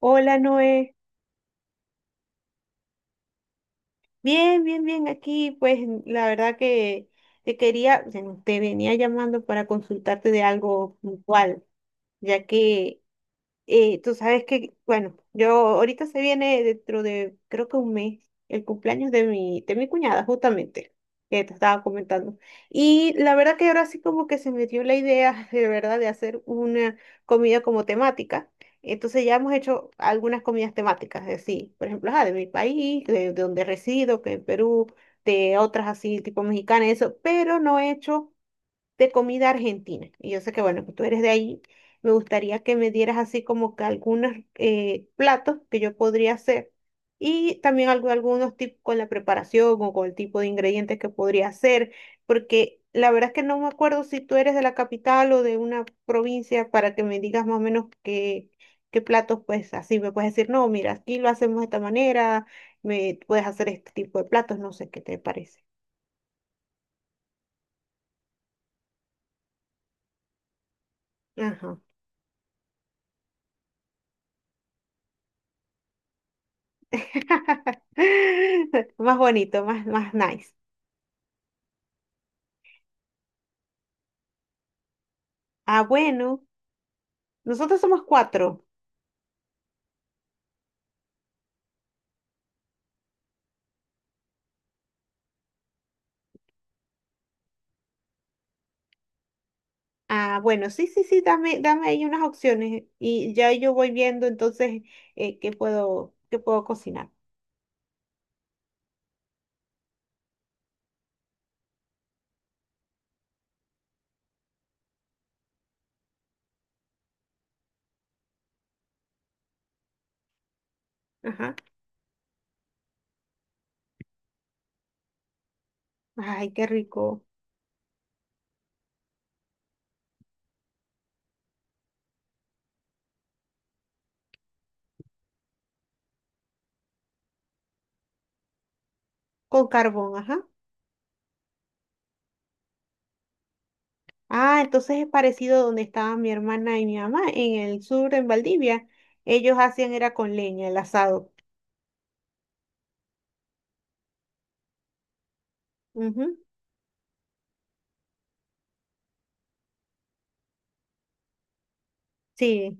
Hola Noé, bien, bien, bien, aquí pues la verdad que te quería, bueno, te venía llamando para consultarte de algo puntual, ya que tú sabes que, bueno, yo ahorita se viene dentro de, creo que un mes, el cumpleaños de mi cuñada, justamente, que te estaba comentando. Y la verdad que ahora sí como que se me dio la idea, de verdad, de hacer una comida como temática. Entonces ya hemos hecho algunas comidas temáticas, así, por ejemplo, ah de mi país, de donde resido, que en Perú, de otras así, tipo mexicana, eso, pero no he hecho de comida argentina. Y yo sé que, bueno, que tú eres de ahí. Me gustaría que me dieras así como que algunos platos que yo podría hacer y también algunos tips con la preparación o con el tipo de ingredientes que podría hacer, porque la verdad es que no me acuerdo si tú eres de la capital o de una provincia para que me digas más o menos qué, qué platos, pues así me puedes decir, no, mira, aquí lo hacemos de esta manera, me puedes hacer este tipo de platos, no sé qué te parece. Ajá. Más bonito, más, más nice. Ah, bueno, nosotros somos cuatro. Ah, bueno, sí, sí, sí, dame, dame ahí unas opciones y ya yo voy viendo entonces qué puedo cocinar. Ajá. Ay, qué rico. Con carbón, ajá. Ah, entonces es parecido a donde estaba mi hermana y mi mamá, en el sur, en Valdivia. Ellos hacían era con leña, el asado. Ujú, sí.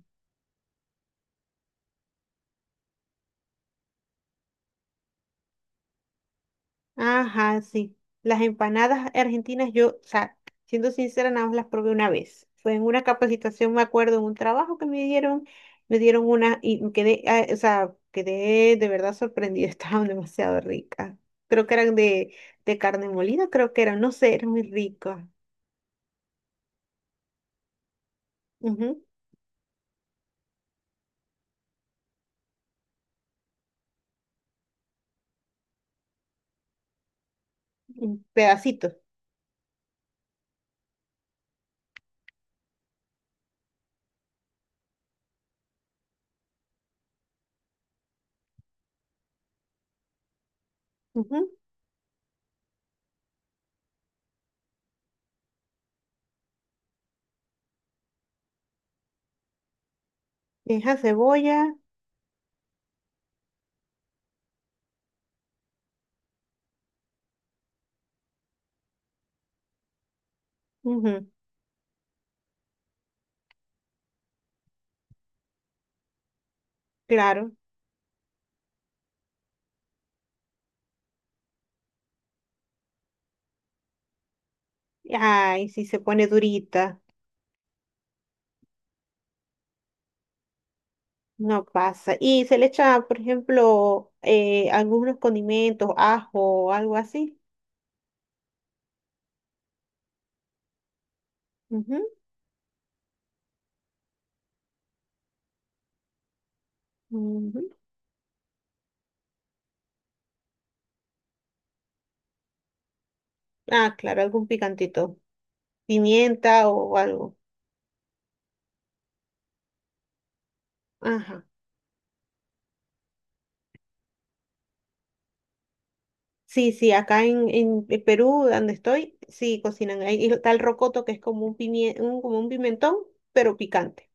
Ajá, sí. Las empanadas argentinas, yo, o sea, siendo sincera, nada más las probé una vez. Fue en una capacitación, me acuerdo, en un trabajo que me dieron una y me quedé, ah, o sea, quedé de verdad sorprendida, estaban demasiado ricas. Creo que eran de carne molida, creo que eran, no sé, eran muy ricas. Ujú, en pedacitos. Ujú. Deja cebolla, ujú, claro. Ay, sí, se pone durita. No pasa. Y se le echa, por ejemplo, algunos condimentos, ajo, algo así. Ujú, ujú. Ah, claro, algún picantito. Pimienta o algo. Ajá. Sí, sí, acá en Perú, donde estoy, sí cocinan. Ahí está el rocoto, que es como un, como un pimentón, pero picante.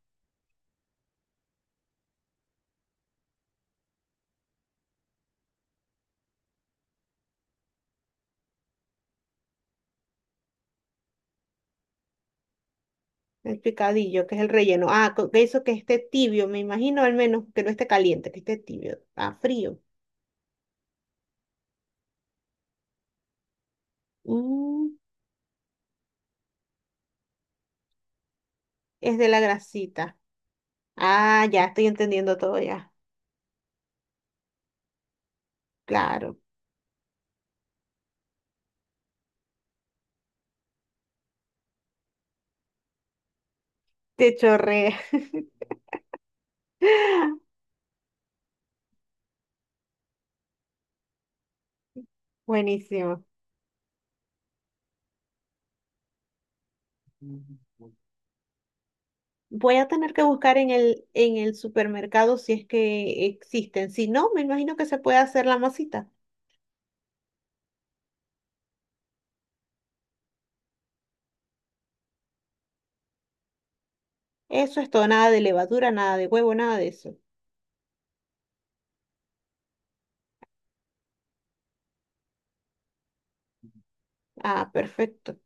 El picadillo, que es el relleno. Ah, que eso que esté tibio, me imagino al menos que no esté caliente, que esté tibio. Ah, frío. Mm, es de la grasita. Ah, ya estoy entendiendo todo ya. Claro, te chorré. Buenísimo. Voy a tener que buscar en en el supermercado si es que existen. Si no, me imagino que se puede hacer la masita. Eso es todo, nada de levadura, nada de huevo, nada de eso. Ah, perfecto.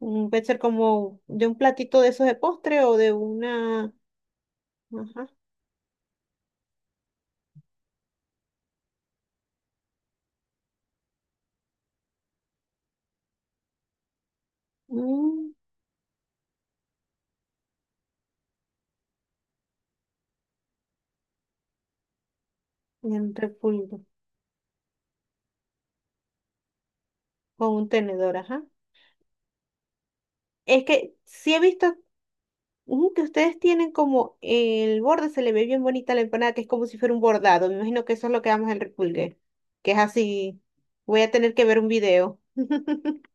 Mm, puede ser como de un platito de esos de postre o de una... Ajá. Mm, entre pulgo, con un tenedor, ajá. Es que sí he visto ujú, que ustedes tienen como el borde, se le ve bien bonita la empanada, que es como si fuera un bordado. Me imagino que eso es lo que damos el repulgue, que es así. Voy a tener que ver un video.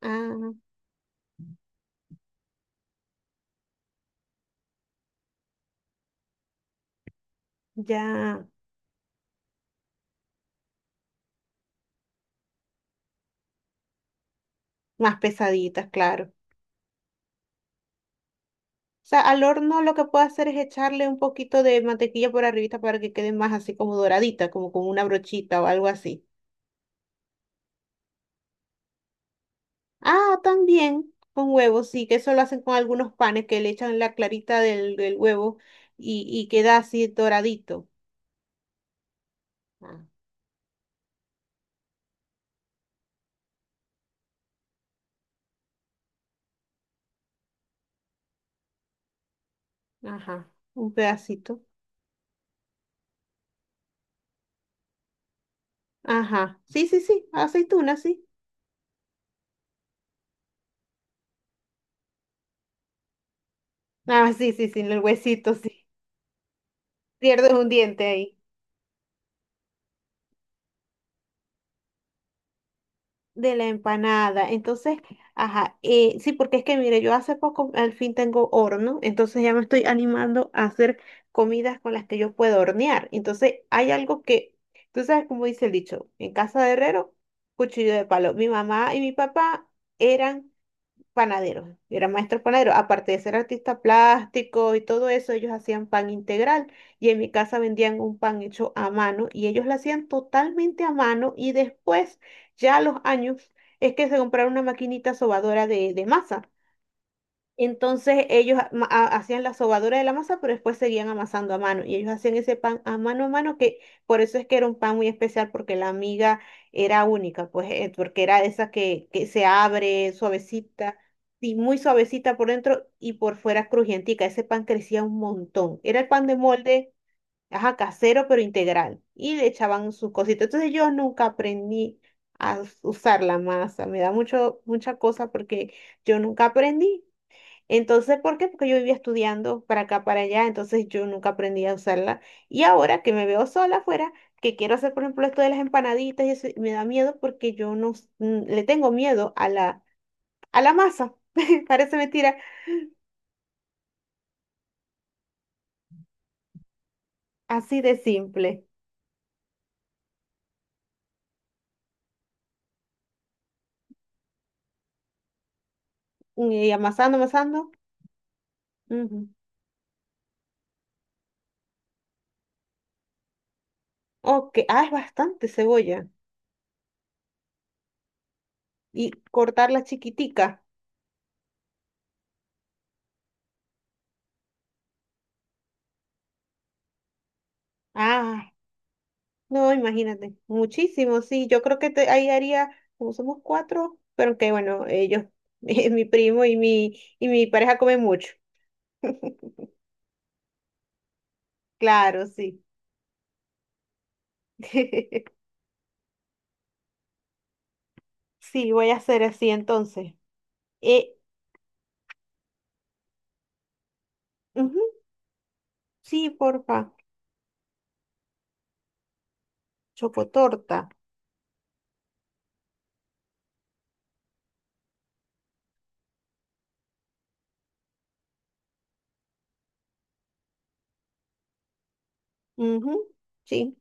Ah, ya. Más pesaditas, claro. O sea, al horno lo que puedo hacer es echarle un poquito de mantequilla por arribita para que quede más así como doradita, como con una brochita o algo así. Ah, también con huevos, sí, que eso lo hacen con algunos panes que le echan la clarita del huevo y queda así doradito. Ah, ajá, un pedacito. Ajá, sí, sí, sí, aceituna, sí. Ah, sí, sí, sí, el huesito, sí. Pierdes un diente ahí de la empanada. Entonces, ajá, sí, porque es que mire, yo hace poco al fin tengo horno, entonces ya me estoy animando a hacer comidas con las que yo puedo hornear. Entonces, hay algo que, tú sabes cómo dice el dicho, en casa de herrero, cuchillo de palo. Mi mamá y mi papá eran panadero, era maestro panadero. Aparte de ser artista plástico y todo eso, ellos hacían pan integral y en mi casa vendían un pan hecho a mano y ellos lo hacían totalmente a mano y después, ya a los años, es que se compraron una maquinita sobadora de masa. Entonces ellos hacían la sobadura de la masa, pero después seguían amasando a mano. Y ellos hacían ese pan a mano, que por eso es que era un pan muy especial, porque la miga era única, pues, porque era esa que se abre suavecita, sí, muy suavecita por dentro y por fuera crujientica. Ese pan crecía un montón. Era el pan de molde, ajá, casero, pero integral. Y le echaban sus cositas. Entonces yo nunca aprendí a usar la masa. Me da mucho, mucha cosa porque yo nunca aprendí. Entonces, ¿por qué? Porque yo vivía estudiando para acá, para allá, entonces yo nunca aprendí a usarla. Y ahora que me veo sola afuera, que quiero hacer, por ejemplo, esto de las empanaditas y eso, y me da miedo porque yo no s- n- le tengo miedo a a la masa. Parece mentira, así de simple. Y amasando, amasando. Ujú. Ok, ah, es bastante cebolla. Y cortarla chiquitica. Ah, no, imagínate, muchísimo, sí, yo creo que ahí haría, como somos cuatro, pero que bueno, ellos, mi primo y mi pareja comen mucho. Claro, sí. Sí, voy a hacer así entonces. Eh, ujú, sí, porfa, chocotorta. Ujú, sí,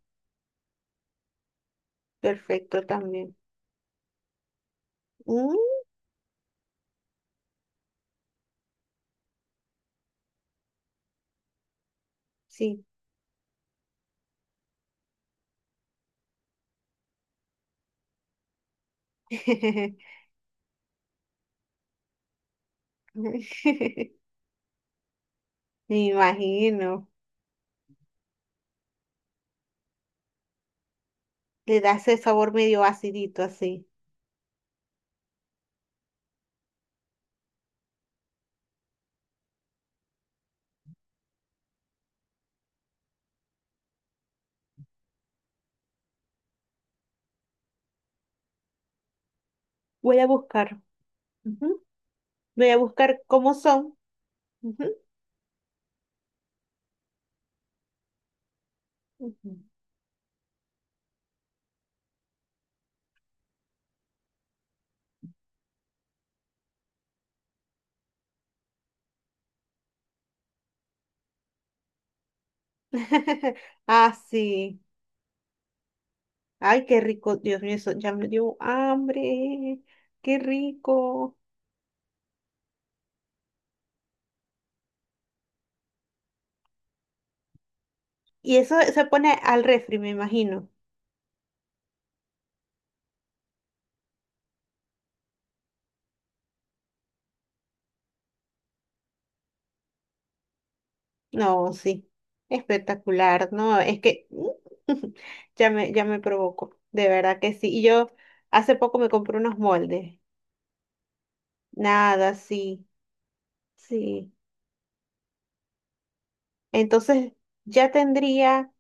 perfecto también. Mm, sí. Me imagino, le das ese sabor medio acidito así. Voy a buscar. Ujú. Voy a buscar cómo son. Ujú, ujú. Ah, sí. Ay, qué rico. Dios mío, eso ya me dio hambre. Qué rico. Y eso se pone al refri, me imagino. No, sí. Espectacular, ¿no? Es que ya me provocó. De verdad que sí. Y yo hace poco me compré unos moldes. Nada, sí. Sí. Entonces ya tendría.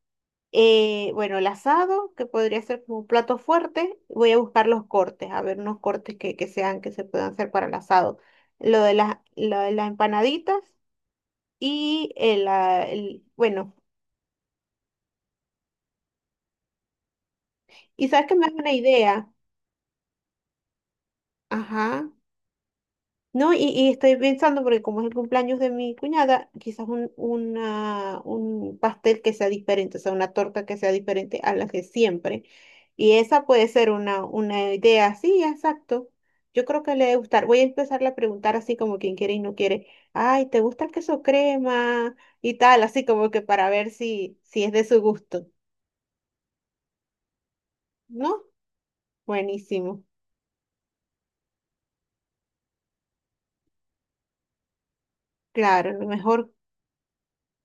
Bueno, el asado, que podría ser como un plato fuerte. Voy a buscar los cortes, a ver unos cortes que sean, que se puedan hacer para el asado. Lo de las empanaditas y el, ah, bueno, y sabes que me das una idea. Ajá. No, y estoy pensando, porque como es el cumpleaños de mi cuñada, quizás un pastel que sea diferente, o sea, una torta que sea diferente a la que siempre. Y esa puede ser una idea, sí, exacto. Yo creo que le debe gustar. Voy a empezarle a preguntar así como quien quiere y no quiere. Ay, ¿te gusta el queso crema? Y tal, así como que para ver si es de su gusto. ¿No? Buenísimo. Claro, lo mejor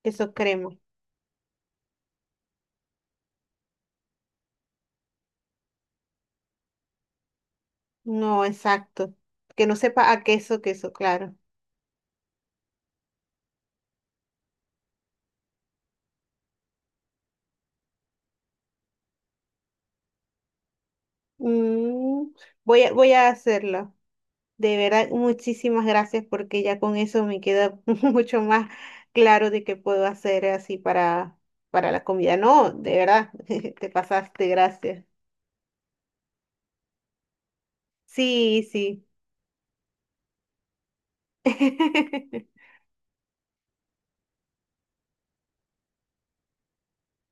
queso crema. No, exacto. Que no sepa a queso, queso, claro. Mm, voy a hacerlo. De verdad, muchísimas gracias porque ya con eso me queda mucho más claro de qué puedo hacer así para la comida. No, de verdad, te pasaste, gracias. Sí, sí.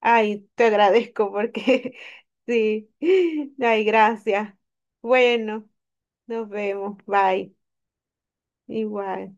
Ay, te agradezco porque sí. Ay, gracias. Bueno, nos vemos. Bye. Igual.